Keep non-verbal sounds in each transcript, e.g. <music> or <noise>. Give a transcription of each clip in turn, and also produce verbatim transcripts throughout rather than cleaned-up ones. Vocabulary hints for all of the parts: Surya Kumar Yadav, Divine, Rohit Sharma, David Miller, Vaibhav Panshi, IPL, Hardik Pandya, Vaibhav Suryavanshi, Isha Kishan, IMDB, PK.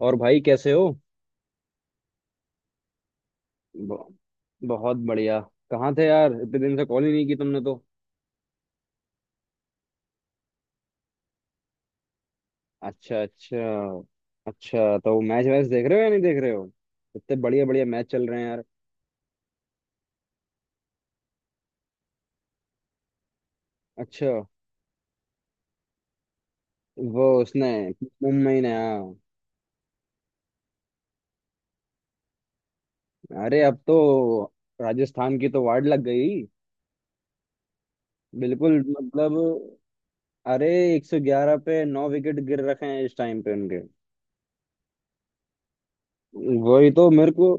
और भाई कैसे हो? ब- बहुत बढ़िया। कहाँ थे यार, इतने दिन से कॉल ही नहीं की तुमने तो। अच्छा, अच्छा। अच्छा, तो मैच वैच देख रहे हो या नहीं देख रहे हो? इतने बढ़िया बढ़िया मैच चल रहे हैं यार। अच्छा। वो उसने। मुंबई ने, हाँ। अरे अब तो राजस्थान की तो वार्ड लग गई। बिल्कुल मतलब। अरे, एक सौ ग्यारह पे नौ विकेट गिर रखे हैं इस टाइम पे उनके। वही तो मेरे को।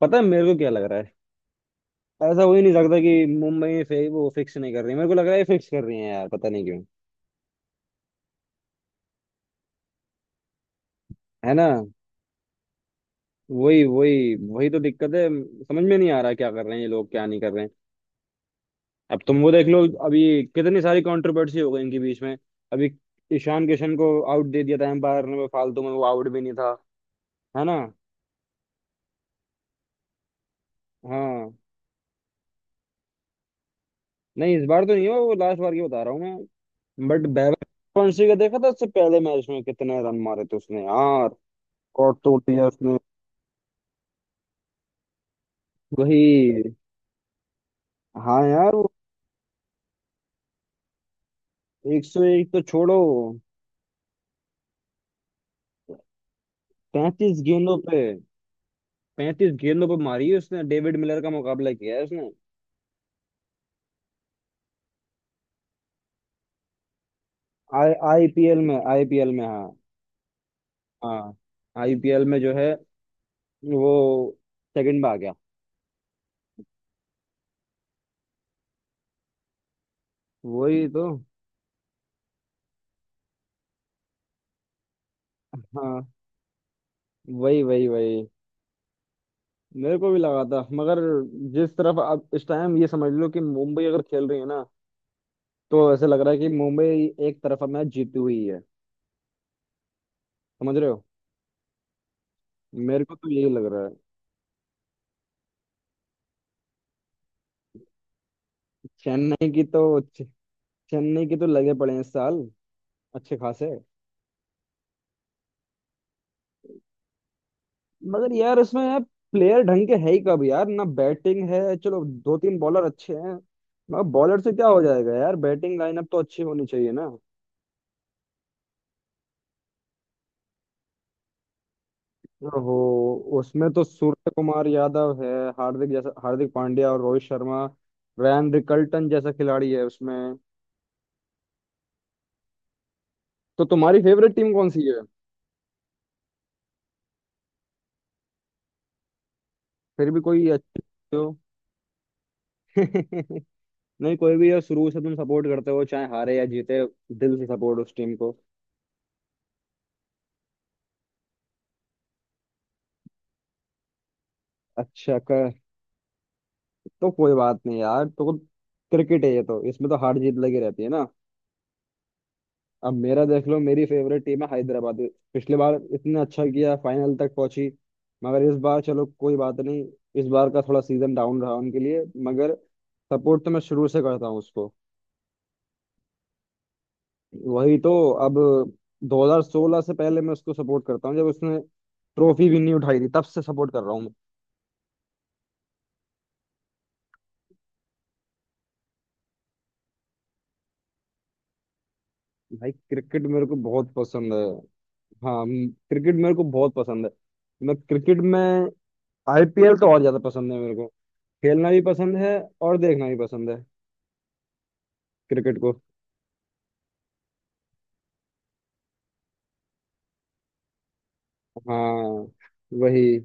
पता है मेरे को क्या लग रहा है? ऐसा हो ही नहीं सकता कि मुंबई फे, वो फिक्स नहीं कर रही, मेरे को लग रहा है फिक्स कर रही है यार, पता नहीं क्यों। है ना? वही वही वही तो दिक्कत है। समझ में नहीं आ रहा क्या कर रहे हैं ये लोग, क्या नहीं कर रहे हैं। अब तुम वो देख लो, अभी कितनी सारी कंट्रोवर्सी हो गई इनके बीच में। अभी ईशान किशन को आउट दे दिया था एम्पायर ने, वो फालतू में, वो आउट भी नहीं था। है ना? हाँ। नहीं, इस बार तो नहीं हुआ वो, लास्ट बार की बता रहा हूँ मैं। बट वैभव पंशी का देखा था उससे पहले मैच में, कितने रन मारे थे उसने यार! कॉट तोड़ दिया उसने। वही। हाँ यार। एक सौ एक तो छोड़ो, पैंतीस गेंदों पे, पैंतीस गेंदों पे मारी है उसने, डेविड मिलर का मुकाबला किया है उसने। आई आईपीएल में, आईपीएल में हाँ। हाँ, आईपीएल में जो है, वो सेकंड में आ गया। वही तो। हाँ, वही वही वही। मेरे को भी लगा था मगर जिस तरफ अब इस टाइम ये समझ लो कि मुंबई अगर खेल रही है ना, तो ऐसा लग रहा है कि मुंबई एक तरफा मैच जीती हुई है। समझ रहे हो? मेरे को तो यही लग रहा है। चेन्नई की तो, चेन्नई की तो लगे पड़े हैं इस साल, अच्छे खासे। मगर यार इसमें यार, प्लेयर ढंग के है ही कब यार, ना बैटिंग है। चलो दो तीन बॉलर अच्छे हैं, मगर बॉलर से क्या हो जाएगा यार, बैटिंग लाइनअप तो अच्छी होनी चाहिए ना। हो। उसमें तो सूर्य कुमार यादव है, हार्दिक जैसा हार्दिक पांड्या और रोहित शर्मा, रैन रिकल्टन जैसा खिलाड़ी है उसमें। तो तुम्हारी फेवरेट टीम कौन सी है? फिर भी कोई अच्छी हो। <laughs> नहीं, कोई भी यार शुरू से तुम सपोर्ट करते हो चाहे हारे या जीते, दिल से सपोर्ट उस टीम को। अच्छा। तो कोई बात नहीं यार, तो क्रिकेट है ये तो, इसमें तो हार जीत लगी रहती है ना। अब मेरा देख लो, मेरी फेवरेट टीम है हैदराबाद। पिछली बार इतना अच्छा किया, फाइनल तक पहुंची। मगर इस बार चलो कोई बात नहीं, इस बार का थोड़ा सीजन डाउन रहा उनके लिए। मगर सपोर्ट तो मैं शुरू से करता हूँ उसको। वही तो। अब दो हज़ार सोलह से पहले मैं उसको सपोर्ट करता हूँ, जब उसने ट्रॉफी भी नहीं उठाई थी, तब से सपोर्ट कर रहा हूँ मैं। भाई क्रिकेट मेरे को बहुत पसंद है। हाँ, क्रिकेट मेरे को बहुत पसंद है। मैं क्रिकेट में, आईपीएल तो और ज्यादा पसंद है मेरे को। खेलना भी पसंद है, और देखना भी पसंद है क्रिकेट को। हाँ वही।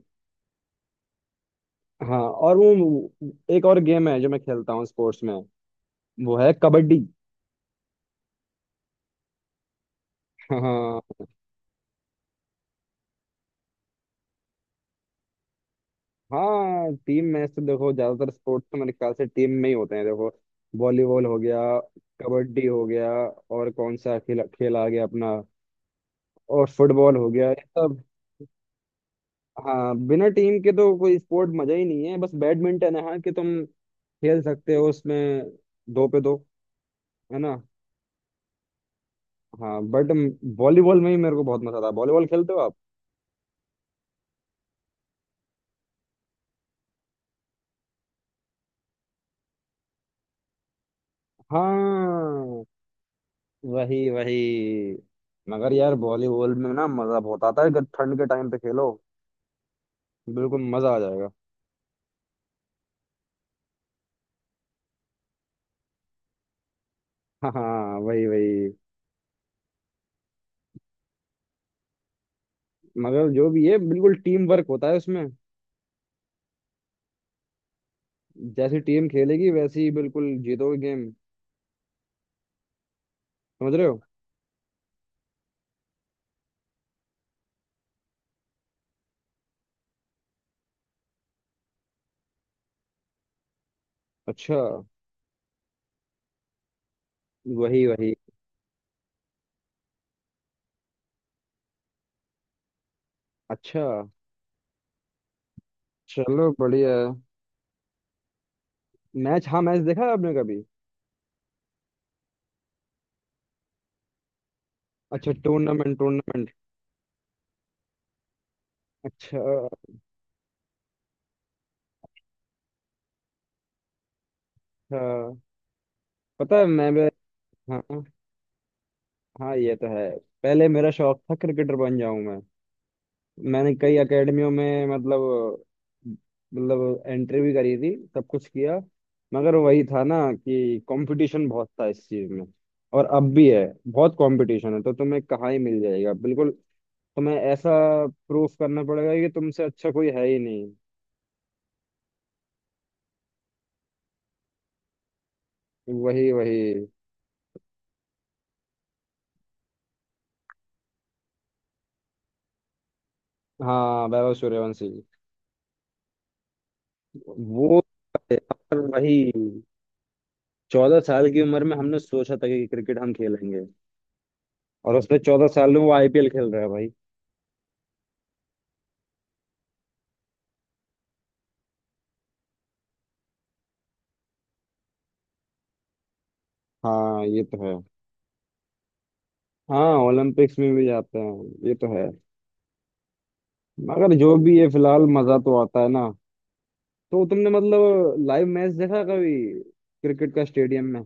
हाँ, और वो एक और गेम है जो मैं खेलता हूँ स्पोर्ट्स में, वो है कबड्डी। हाँ। हाँ, टीम मैच तो देखो, ज्यादातर स्पोर्ट्स तो मेरे ख्याल से टीम में ही होते हैं, देखो। वॉलीबॉल हो गया, कबड्डी हो गया, और कौन सा खेल खेल आ गया अपना, और फुटबॉल हो गया, ये सब। हाँ, बिना टीम के तो कोई स्पोर्ट मजा ही नहीं है, बस बैडमिंटन है, हाँ कि तुम खेल सकते हो उसमें दो पे दो। है ना? हाँ बट वॉलीबॉल में ही मेरे को बहुत मजा आता है। वॉलीबॉल खेलते हो आप? हाँ वही वही। मगर यार वॉलीबॉल में ना मजा बहुत आता है, अगर ठंड के टाइम पे खेलो, बिल्कुल मजा आ जाएगा। <laughs> हाँ वही वही। मगर जो भी है, बिल्कुल टीम वर्क होता है उसमें। जैसी टीम खेलेगी वैसी ही बिल्कुल जीतोगे गेम। समझ रहे हो? अच्छा। वही वही। अच्छा चलो, बढ़िया है। मैच, हाँ मैच देखा है आपने कभी? अच्छा, टूर्नामेंट टूर्नामेंट। अच्छा। अच्छा पता है, मैं भी। हाँ। हाँ ये तो है। पहले मेरा शौक था क्रिकेटर बन जाऊं मैं, मैंने कई एकेडमियों में मतलब मतलब एंट्री भी करी थी, सब कुछ किया। मगर वही था ना कि कंपटीशन बहुत था इस चीज में, और अब भी है। बहुत कंपटीशन है, तो तुम्हें कहाँ ही मिल जाएगा बिल्कुल। तुम्हें ऐसा प्रूफ करना पड़ेगा कि तुमसे अच्छा कोई है ही नहीं। वही वही। हाँ, वैभव सूर्यवंशी। वो तो वही, चौदह साल की उम्र में हमने सोचा था कि क्रिकेट हम खेलेंगे, और उसने चौदह साल में वो आईपीएल खेल रहा है भाई। हाँ ये तो है। हाँ, ओलंपिक्स में भी जाते हैं, ये तो है। मगर जो भी ये फिलहाल मजा तो आता है ना। तो तुमने मतलब लाइव मैच देखा कभी? क्रिकेट का स्टेडियम में?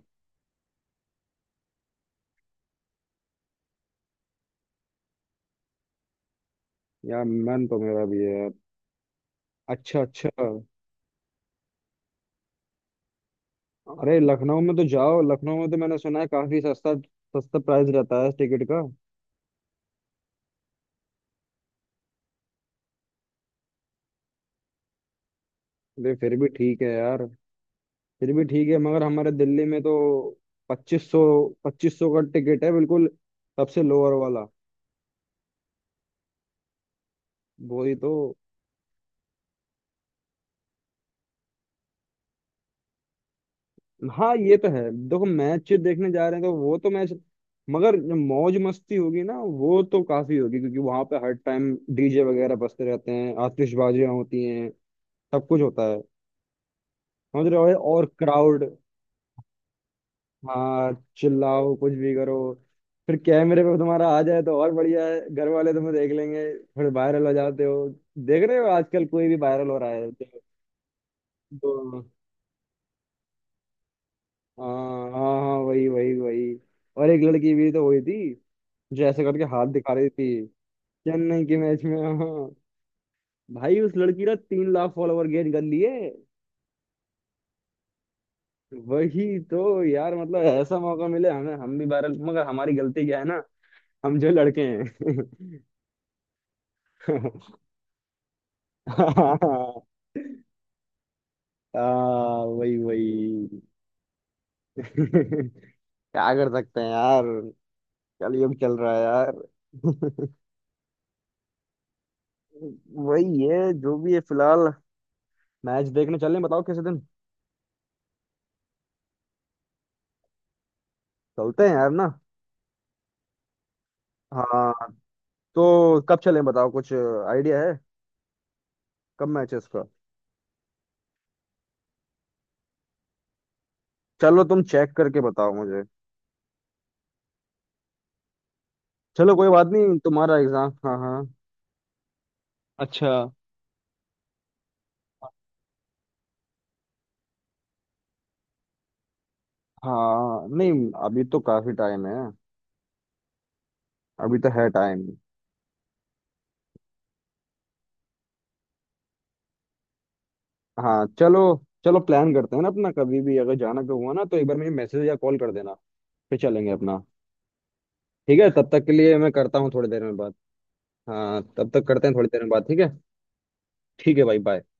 यार मन तो मेरा भी है यार। अच्छा अच्छा। अरे लखनऊ में तो जाओ, लखनऊ में तो मैंने सुना है काफी सस्ता, सस्ता प्राइस रहता है टिकट का। अरे फिर भी ठीक है यार। फिर भी ठीक है, मगर हमारे दिल्ली में तो पच्चीस सौ पच्चीस सौ का टिकट है बिल्कुल, सबसे लोअर वाला। वही तो। हाँ ये तो है। देखो मैच देखने जा रहे हैं तो वो तो मैच, मगर जो मौज मस्ती होगी ना वो तो काफी होगी, क्योंकि वहां पे हर टाइम डीजे वगैरह बजते रहते हैं, आतिशबाजियां होती हैं, सब कुछ होता है। समझ रहे हो? और क्राउड। हाँ, चिल्लाओ कुछ भी करो, फिर कैमरे पे तुम्हारा आ जाए तो और बढ़िया है, घर वाले तुम्हें देख लेंगे। फिर वायरल हो जाते हो, देख रहे हो आजकल कोई भी वायरल हो रहा है। तो हाँ हाँ हाँ, वही वही वही। और एक लड़की भी तो हुई थी, मुझे ऐसे करके हाथ दिखा रही थी। चेन्नई के मैच में हाँ। भाई उस लड़की ने तीन लाख फॉलोवर गेन कर लिए। वही तो यार, मतलब ऐसा मौका मिले हमें, हम भी वायरल, मगर हमारी गलती क्या है ना, हम जो लड़के हैं। <laughs> हाँ वही वही। <laughs> क्या कर सकते हैं यार, कलयुग चल रहा है यार। <laughs> वही है जो भी है फिलहाल। मैच देखने चलें बताओ किसी दिन? चलते हैं यार ना। हाँ, तो कब चलें बताओ, कुछ आइडिया है कब मैचेस का? चलो तुम चेक करके बताओ मुझे। चलो कोई बात नहीं, तुम्हारा एग्जाम, हाँ हाँ। अच्छा। हाँ, नहीं अभी तो काफी टाइम है, अभी तो है टाइम। हाँ चलो। चलो प्लान करते हैं ना अपना, कभी भी अगर जाना का हुआ ना तो एक बार मुझे मैसेज या कॉल कर देना, फिर चलेंगे अपना। ठीक है, तब तक के लिए मैं करता हूँ थोड़ी देर में बात। हाँ, तब तक करते हैं थोड़ी देर में बात, ठीक है? ठीक है भाई bye।